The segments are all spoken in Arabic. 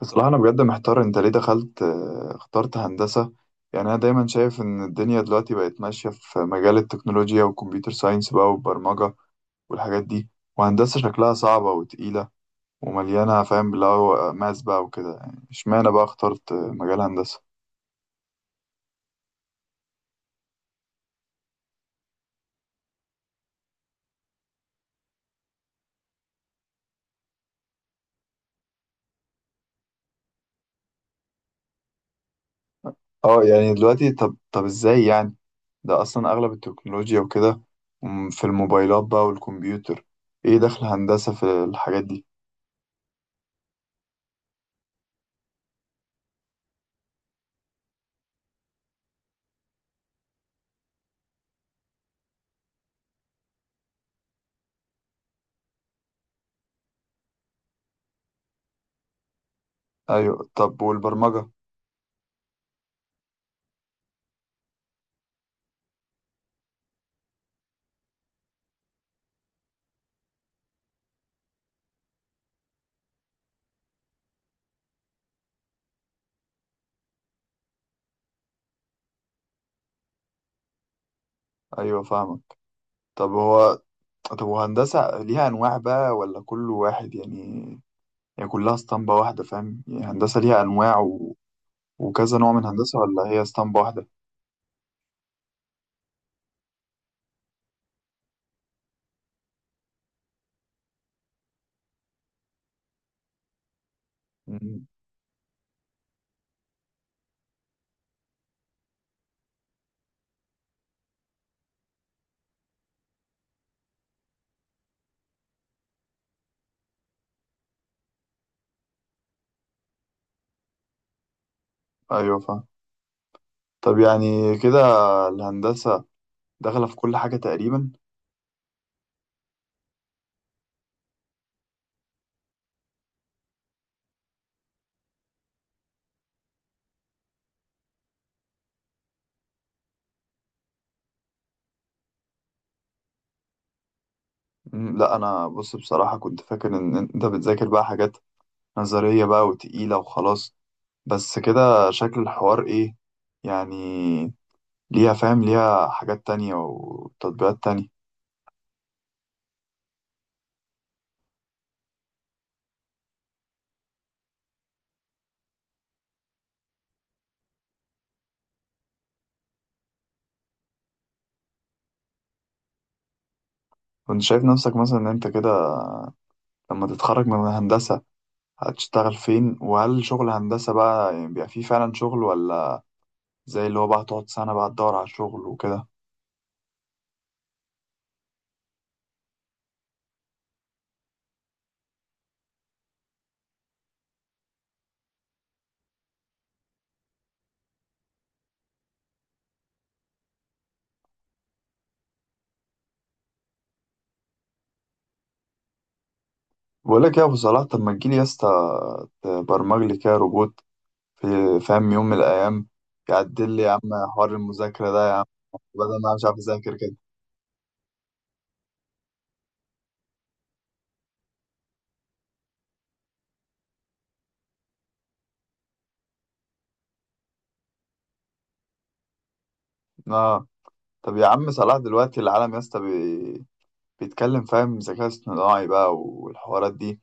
بصراحة، أنا بجد محتار. أنت ليه دخلت اخترت هندسة؟ يعني أنا دايما شايف إن الدنيا دلوقتي بقت ماشية في مجال التكنولوجيا والكمبيوتر ساينس بقى والبرمجة والحاجات دي. وهندسة شكلها صعبة وتقيلة ومليانة، فاهم؟ اللي هو ماس بقى وكده. يعني اشمعنى بقى اخترت مجال هندسة؟ اه، يعني دلوقتي. طب، ازاي يعني؟ ده أصلا أغلب التكنولوجيا وكده. في الموبايلات بقى والكمبيوتر. ايه دخل هندسة في الحاجات دي؟ أيوة. طب والبرمجة؟ أيوة فاهمك. طب هو طب وهندسة ليها أنواع بقى، ولا كل واحد يعني؟ يعني كلها اسطمبة واحدة، فاهم؟ يعني هندسة ليها أنواع وكذا نوع من هندسة، ولا هي اسطمبة واحدة؟ مم. أيوة فاهم. طب يعني كده الهندسة داخلة في كل حاجة تقريبا. مم. لا، أنا بص. بصراحة كنت فاكر إن أنت بتذاكر بقى حاجات نظرية بقى وتقيلة وخلاص. بس كده شكل الحوار إيه يعني؟ ليها، فاهم، ليها حاجات تانية وتطبيقات تانية. كنت شايف نفسك مثلا إن أنت كده لما تتخرج من هندسة هتشتغل فين؟ وهل شغل هندسة بقى يعني بيبقى فيه فعلا شغل، ولا زي اللي هو بقى تقعد سنة بقى تدور على شغل وكده؟ بقولك يا أبو صلاح، طب ما تجيلي يا اسطى تبرمج لي كده روبوت في فاهم، يوم من الأيام يعدل لي يا عم حوار المذاكرة ده، يا عم بدل ما أنا مش عارف أذاكر كده. آه. طب يا عم صلاح، دلوقتي العالم يا اسطى بيتكلم، فاهم، ذكاء اصطناعي بقى والحوارات دي.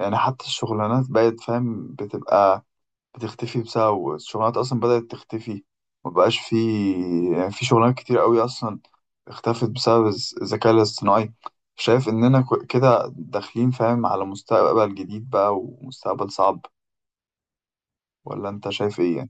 يعني حتى الشغلانات بقت، فاهم، بتبقى بتختفي والشغلانات اصلا بدأت تختفي. مبقاش في. يعني في شغلانات كتير قوي اصلا اختفت بسبب الذكاء الاصطناعي. شايف اننا كده داخلين، فاهم، على مستقبل جديد بقى ومستقبل صعب. ولا انت شايف ايه يعني؟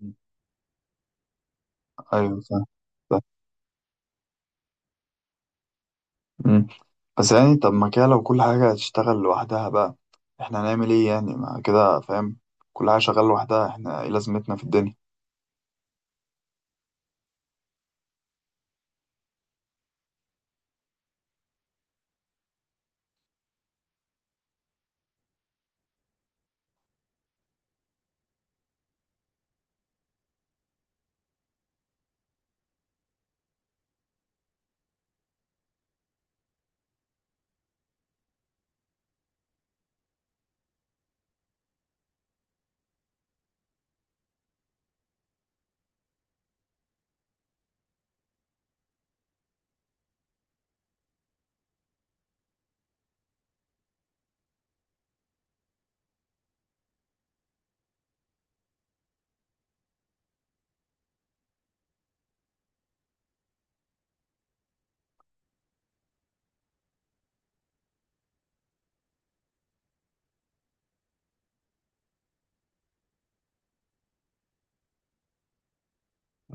مم. ايوه فاهم. فاهم. مم. بس يعني، طب ما كده لو كل حاجة هتشتغل لوحدها بقى، احنا هنعمل ايه يعني؟ ما كده، فاهم، كل حاجة شغالة لوحدها، احنا ايه لازمتنا في الدنيا؟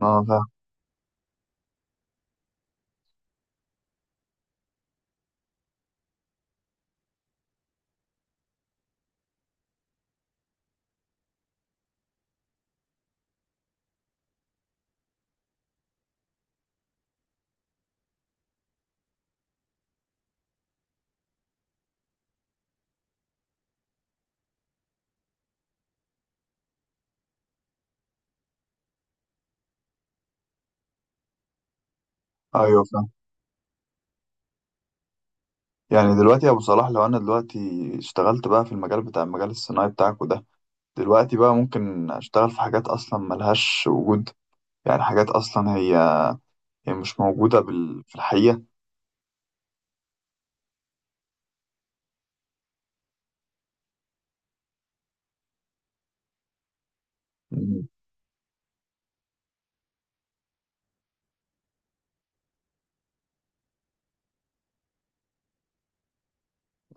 اه فاهم. ايوه فاهم. يعني دلوقتي يا ابو صلاح، لو انا دلوقتي اشتغلت بقى في المجال الصناعي بتاعك وده، دلوقتي بقى ممكن اشتغل في حاجات اصلا ملهاش وجود. يعني حاجات اصلا هي مش موجودة في الحقيقة. مم.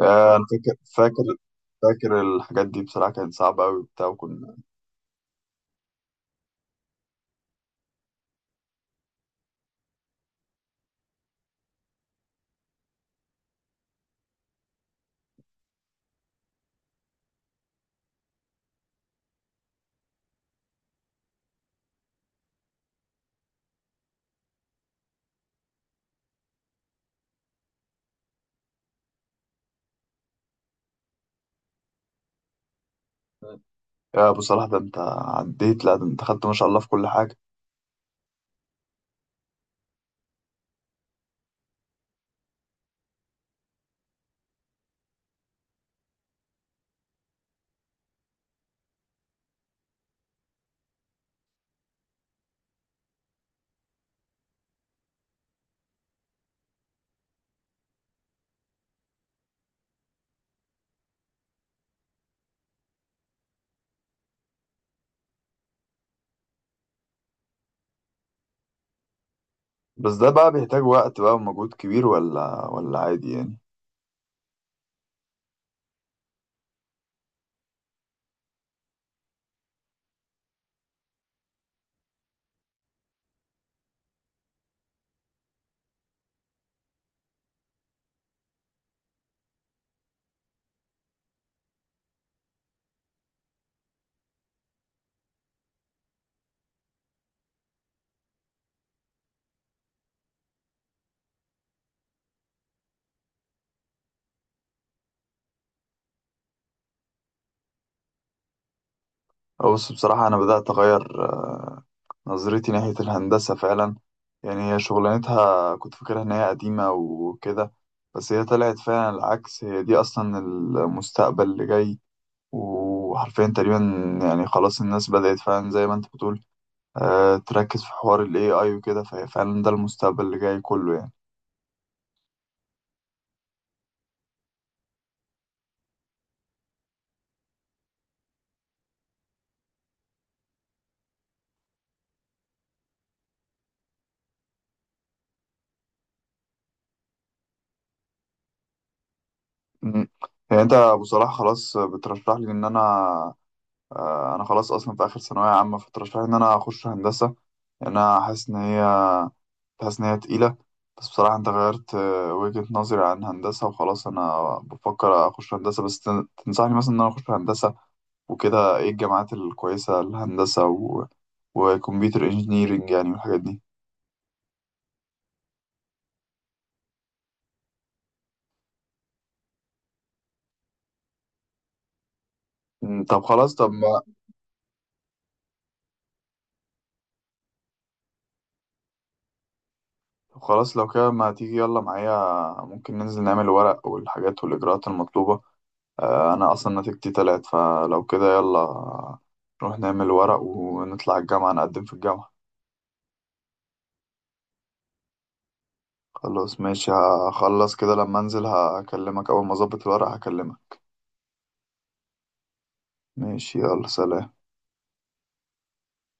آه، انا فاكر الحاجات دي، بصراحة كانت صعبة قوي وبتاع وكنا. يا ابو صلاح، ده انت عديت، لا ده انت خدت ما شاء الله في كل حاجة. بس ده بقى بيحتاج وقت بقى ومجهود كبير، ولا عادي يعني؟ بص، بصراحة انا بدأت اغير نظرتي ناحية الهندسة فعلا. يعني هي شغلانتها كنت فاكرها إن هي قديمة وكده، بس هي طلعت فعلا العكس، هي دي أصلا المستقبل اللي جاي، وحرفيا تقريبا. يعني خلاص الناس بدأت فعلا زي ما أنت بتقول، تركز في حوار ال AI وكده، فهي فعلا ده المستقبل اللي جاي كله يعني. مم. يعني أنت أبو صلاح، خلاص بترشح لي إن أنا خلاص أصلا في آخر ثانوية عامة، فترشح لي إن أنا أخش هندسة. يعني انا حاسس ان هي تقيله. بس بصراحه انت غيرت وجهه نظري عن هندسه وخلاص، انا بفكر اخش هندسه، بس تنصحني مثلا ان انا اخش هندسه وكده؟ ايه الجامعات الكويسه للهندسه وكمبيوتر انجينيرنج يعني والحاجات دي؟ مم، طب خلاص طب ما طب خلاص لو كده ما تيجي يلا معايا. ممكن ننزل نعمل ورق والحاجات والاجراءات المطلوبه. آه، انا اصلا نتيجتي تلات، فلو كده يلا نروح نعمل ورق ونطلع الجامعه نقدم في الجامعه. خلاص ماشي. هخلص كده، لما انزل هكلمك. اول ما اظبط الورق هكلمك. ماشي، يلا سلام.